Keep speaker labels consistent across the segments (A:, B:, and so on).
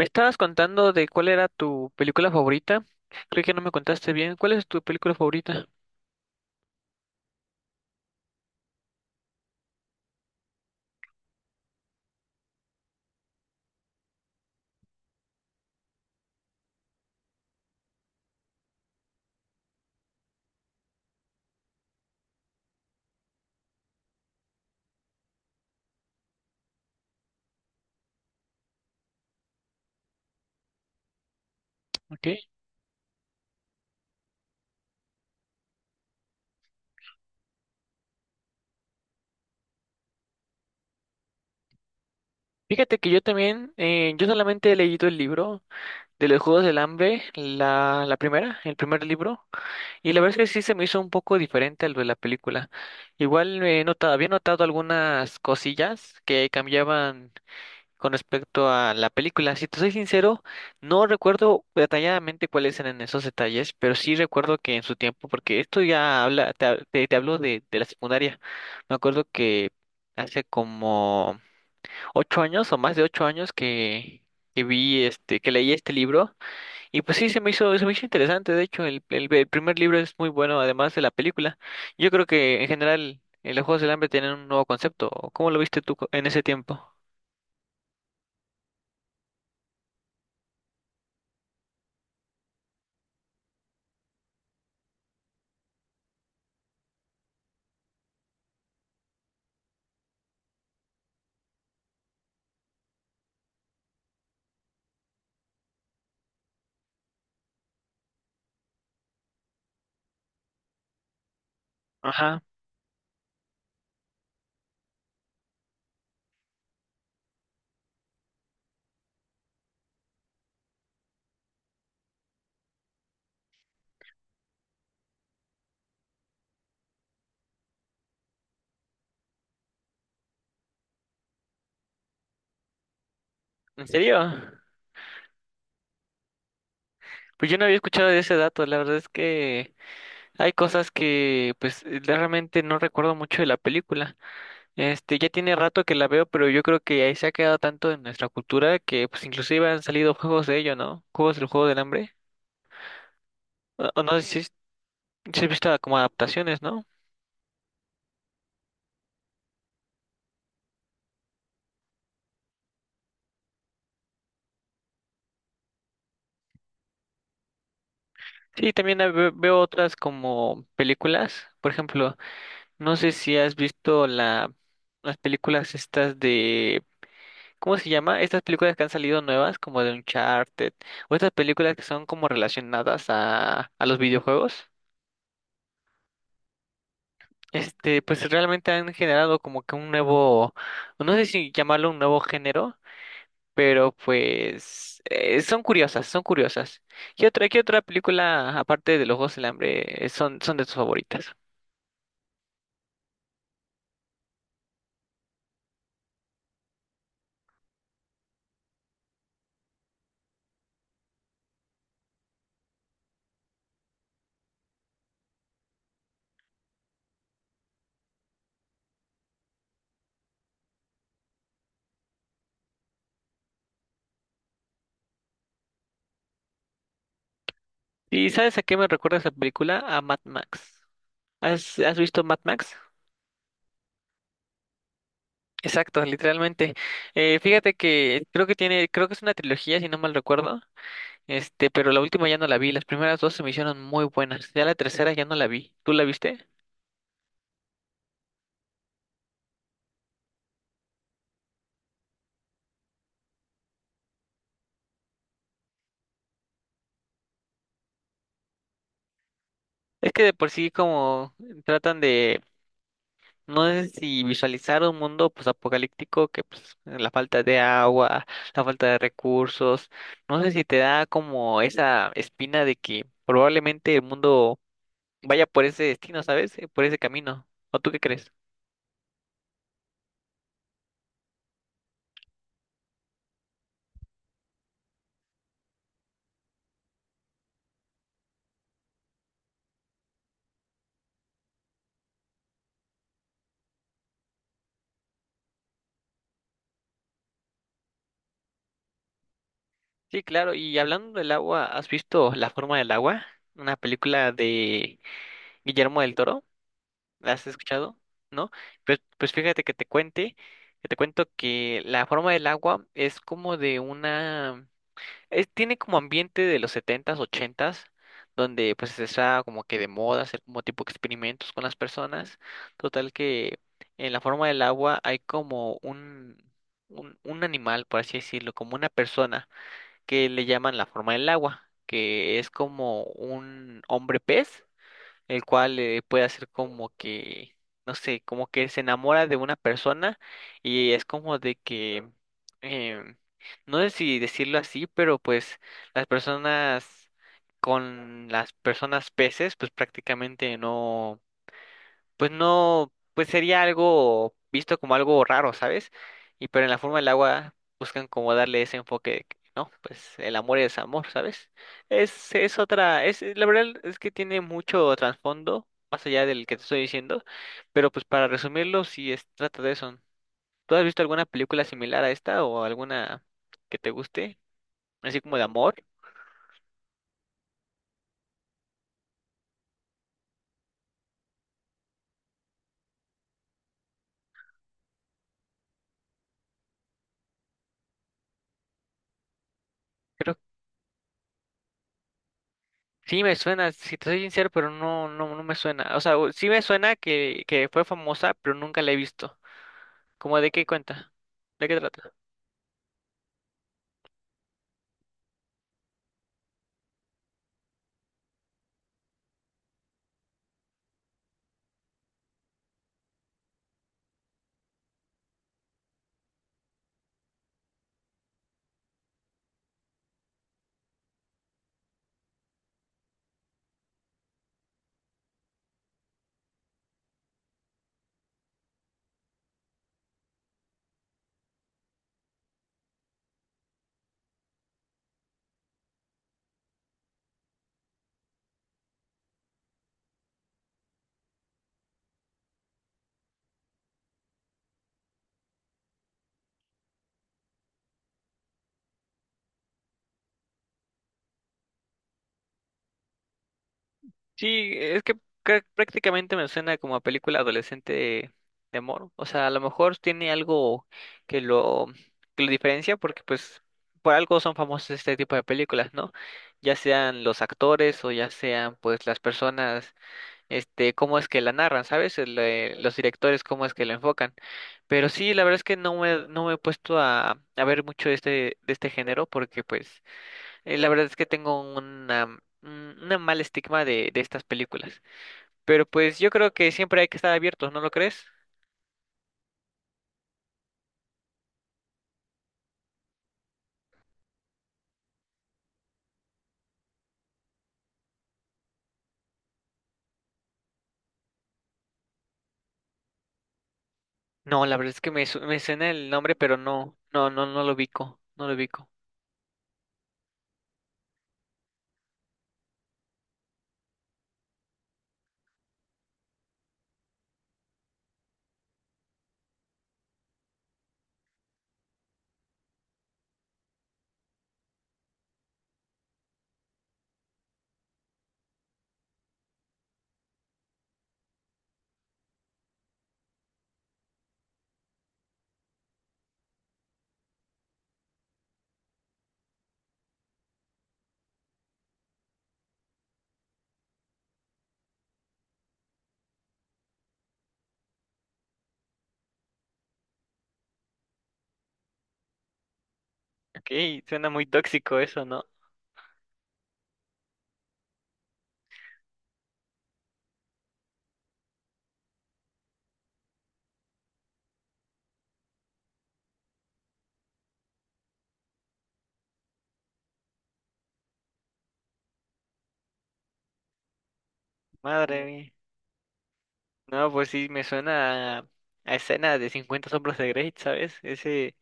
A: Me estabas contando de cuál era tu película favorita. Creo que no me contaste bien. ¿Cuál es tu película favorita? Ok. Fíjate que yo también, yo solamente he leído el libro de los Juegos del Hambre, la primera, el primer libro, y la verdad es que sí se me hizo un poco diferente al de la película. Igual había notado algunas cosillas que cambiaban con respecto a la película. Si te soy sincero, no recuerdo detalladamente cuáles eran esos detalles, pero sí recuerdo que en su tiempo, porque esto ya habla, te, hab- te hablo de la secundaria. Me acuerdo que hace como ocho años o más de ocho años que, que leí este libro, y pues sí se me hizo interesante. De hecho, el primer libro es muy bueno, además de la película. Yo creo que en general los Juegos del Hambre tienen un nuevo concepto. ¿Cómo lo viste tú en ese tiempo? Ajá. ¿En serio? Pues yo no había escuchado de ese dato. La verdad es que hay cosas que pues realmente no recuerdo mucho de la película. Este, ya tiene rato que la veo, pero yo creo que ahí se ha quedado tanto en nuestra cultura que pues inclusive han salido juegos de ello, ¿no? Juegos del Juego del Hambre. O no sé si he visto como adaptaciones, ¿no? Sí, también veo otras como películas. Por ejemplo, no sé si has visto las películas estas de. ¿Cómo se llama? Estas películas que han salido nuevas, como de Uncharted, o estas películas que son como relacionadas a los videojuegos. Este, pues realmente han generado como que un nuevo, no sé si llamarlo, un nuevo género, pero pues son curiosas, son curiosas. ¿Qué otra película, aparte de Los Juegos del Hambre, son de tus favoritas? ¿Y sabes a qué me recuerda esa película? A Mad Max. ¿Has visto Mad Max? Exacto, literalmente. Fíjate que creo que es una trilogía, si no mal recuerdo. Este, pero la última ya no la vi. Las primeras dos se me hicieron muy buenas. Ya la tercera ya no la vi. ¿Tú la viste? Es que de por sí como tratan de No sé si visualizar un mundo pues apocalíptico, que pues la falta de agua, la falta de recursos. No sé si te da como esa espina de que probablemente el mundo vaya por ese destino, ¿sabes? Por ese camino. ¿O tú qué crees? Sí, claro, y hablando del agua, ¿has visto La forma del agua? Una película de Guillermo del Toro. ¿La has escuchado? ¿No? Pues fíjate que te cuento que La forma del agua es como de tiene como ambiente de los setentas ochentas, donde pues está como que de moda hacer como tipo experimentos con las personas. Total que en la forma del agua hay como un animal, por así decirlo, como una persona, que le llaman la forma del agua, que es como un hombre pez, el cual puede hacer como que, no sé, como que se enamora de una persona, y es como de que, em, no sé si decirlo así, pero pues las personas con las personas peces, pues prácticamente no, pues no, pues sería algo visto como algo raro, ¿sabes? Y pero en la forma del agua buscan como darle ese enfoque, de que, no, pues el amor es amor, ¿sabes? Es otra, la verdad es que tiene mucho trasfondo, más allá del que te estoy diciendo, pero pues para resumirlo, sí, es, trata de eso. ¿Tú has visto alguna película similar a esta o alguna que te guste, así como de amor? Creo Sí me suena, si te soy sincero, pero no, no, no me suena. O sea, sí me suena que fue famosa, pero nunca la he visto. ¿Cómo de qué cuenta? ¿De qué trata? Sí, es que prácticamente me suena como a película adolescente de amor. O sea, a lo mejor tiene algo que lo, que lo diferencia, porque pues por algo son famosos este tipo de películas, ¿no? Ya sean los actores o ya sean pues las personas, este, cómo es que la narran, ¿sabes? Los directores, cómo es que la enfocan. Pero sí, la verdad es que no me he puesto a ver mucho de este, género, porque pues. La verdad es que tengo una, un una mal estigma de estas películas. Pero pues yo creo que siempre hay que estar abiertos, ¿no lo crees? No, la verdad es que me suena el nombre, pero no, no, no, no lo ubico, no lo ubico. Ok, suena muy tóxico eso, ¿no? Madre mía. No, pues sí, me suena a escena de cincuenta sombras de Grey, ¿sabes? Ese,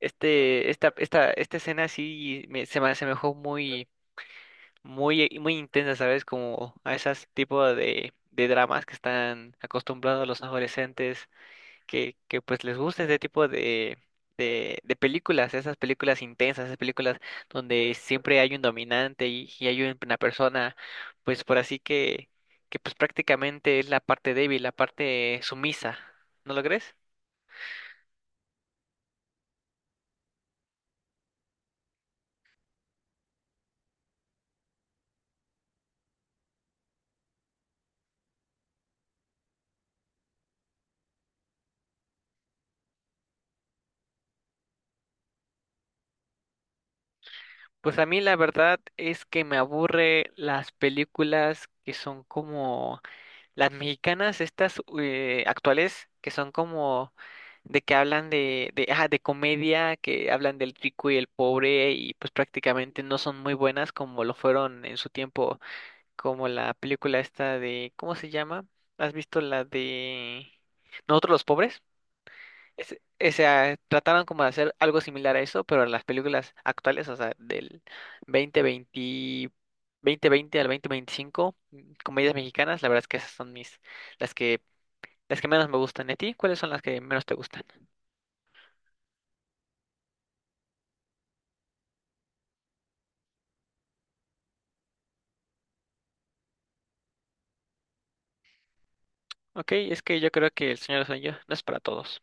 A: este, esta escena sí se me asemejó muy, muy, muy intensa, ¿sabes? Como a esas tipo de dramas que están acostumbrados los adolescentes, que pues les gusta ese tipo de películas, esas películas intensas, esas películas donde siempre hay un dominante y hay una persona, pues por así que pues prácticamente es la parte débil, la parte sumisa, ¿no lo crees? Pues a mí la verdad es que me aburre las películas que son como las mexicanas, estas actuales, que son como de que hablan de, ajá, de comedia, que hablan del rico y el pobre, y pues prácticamente no son muy buenas como lo fueron en su tiempo, como la película esta de. ¿Cómo se llama? ¿Has visto la de Nosotros los pobres? es- o sea, trataron como de hacer algo similar a eso, pero en las películas actuales, o sea, del 2020, 2020 al 2025, comedias mexicanas, la verdad es que esas son las que, las que menos me gustan. ¿Y a ti? ¿Cuáles son las que menos te gustan? Ok, es que yo creo que El Señor de los Anillos no es para todos.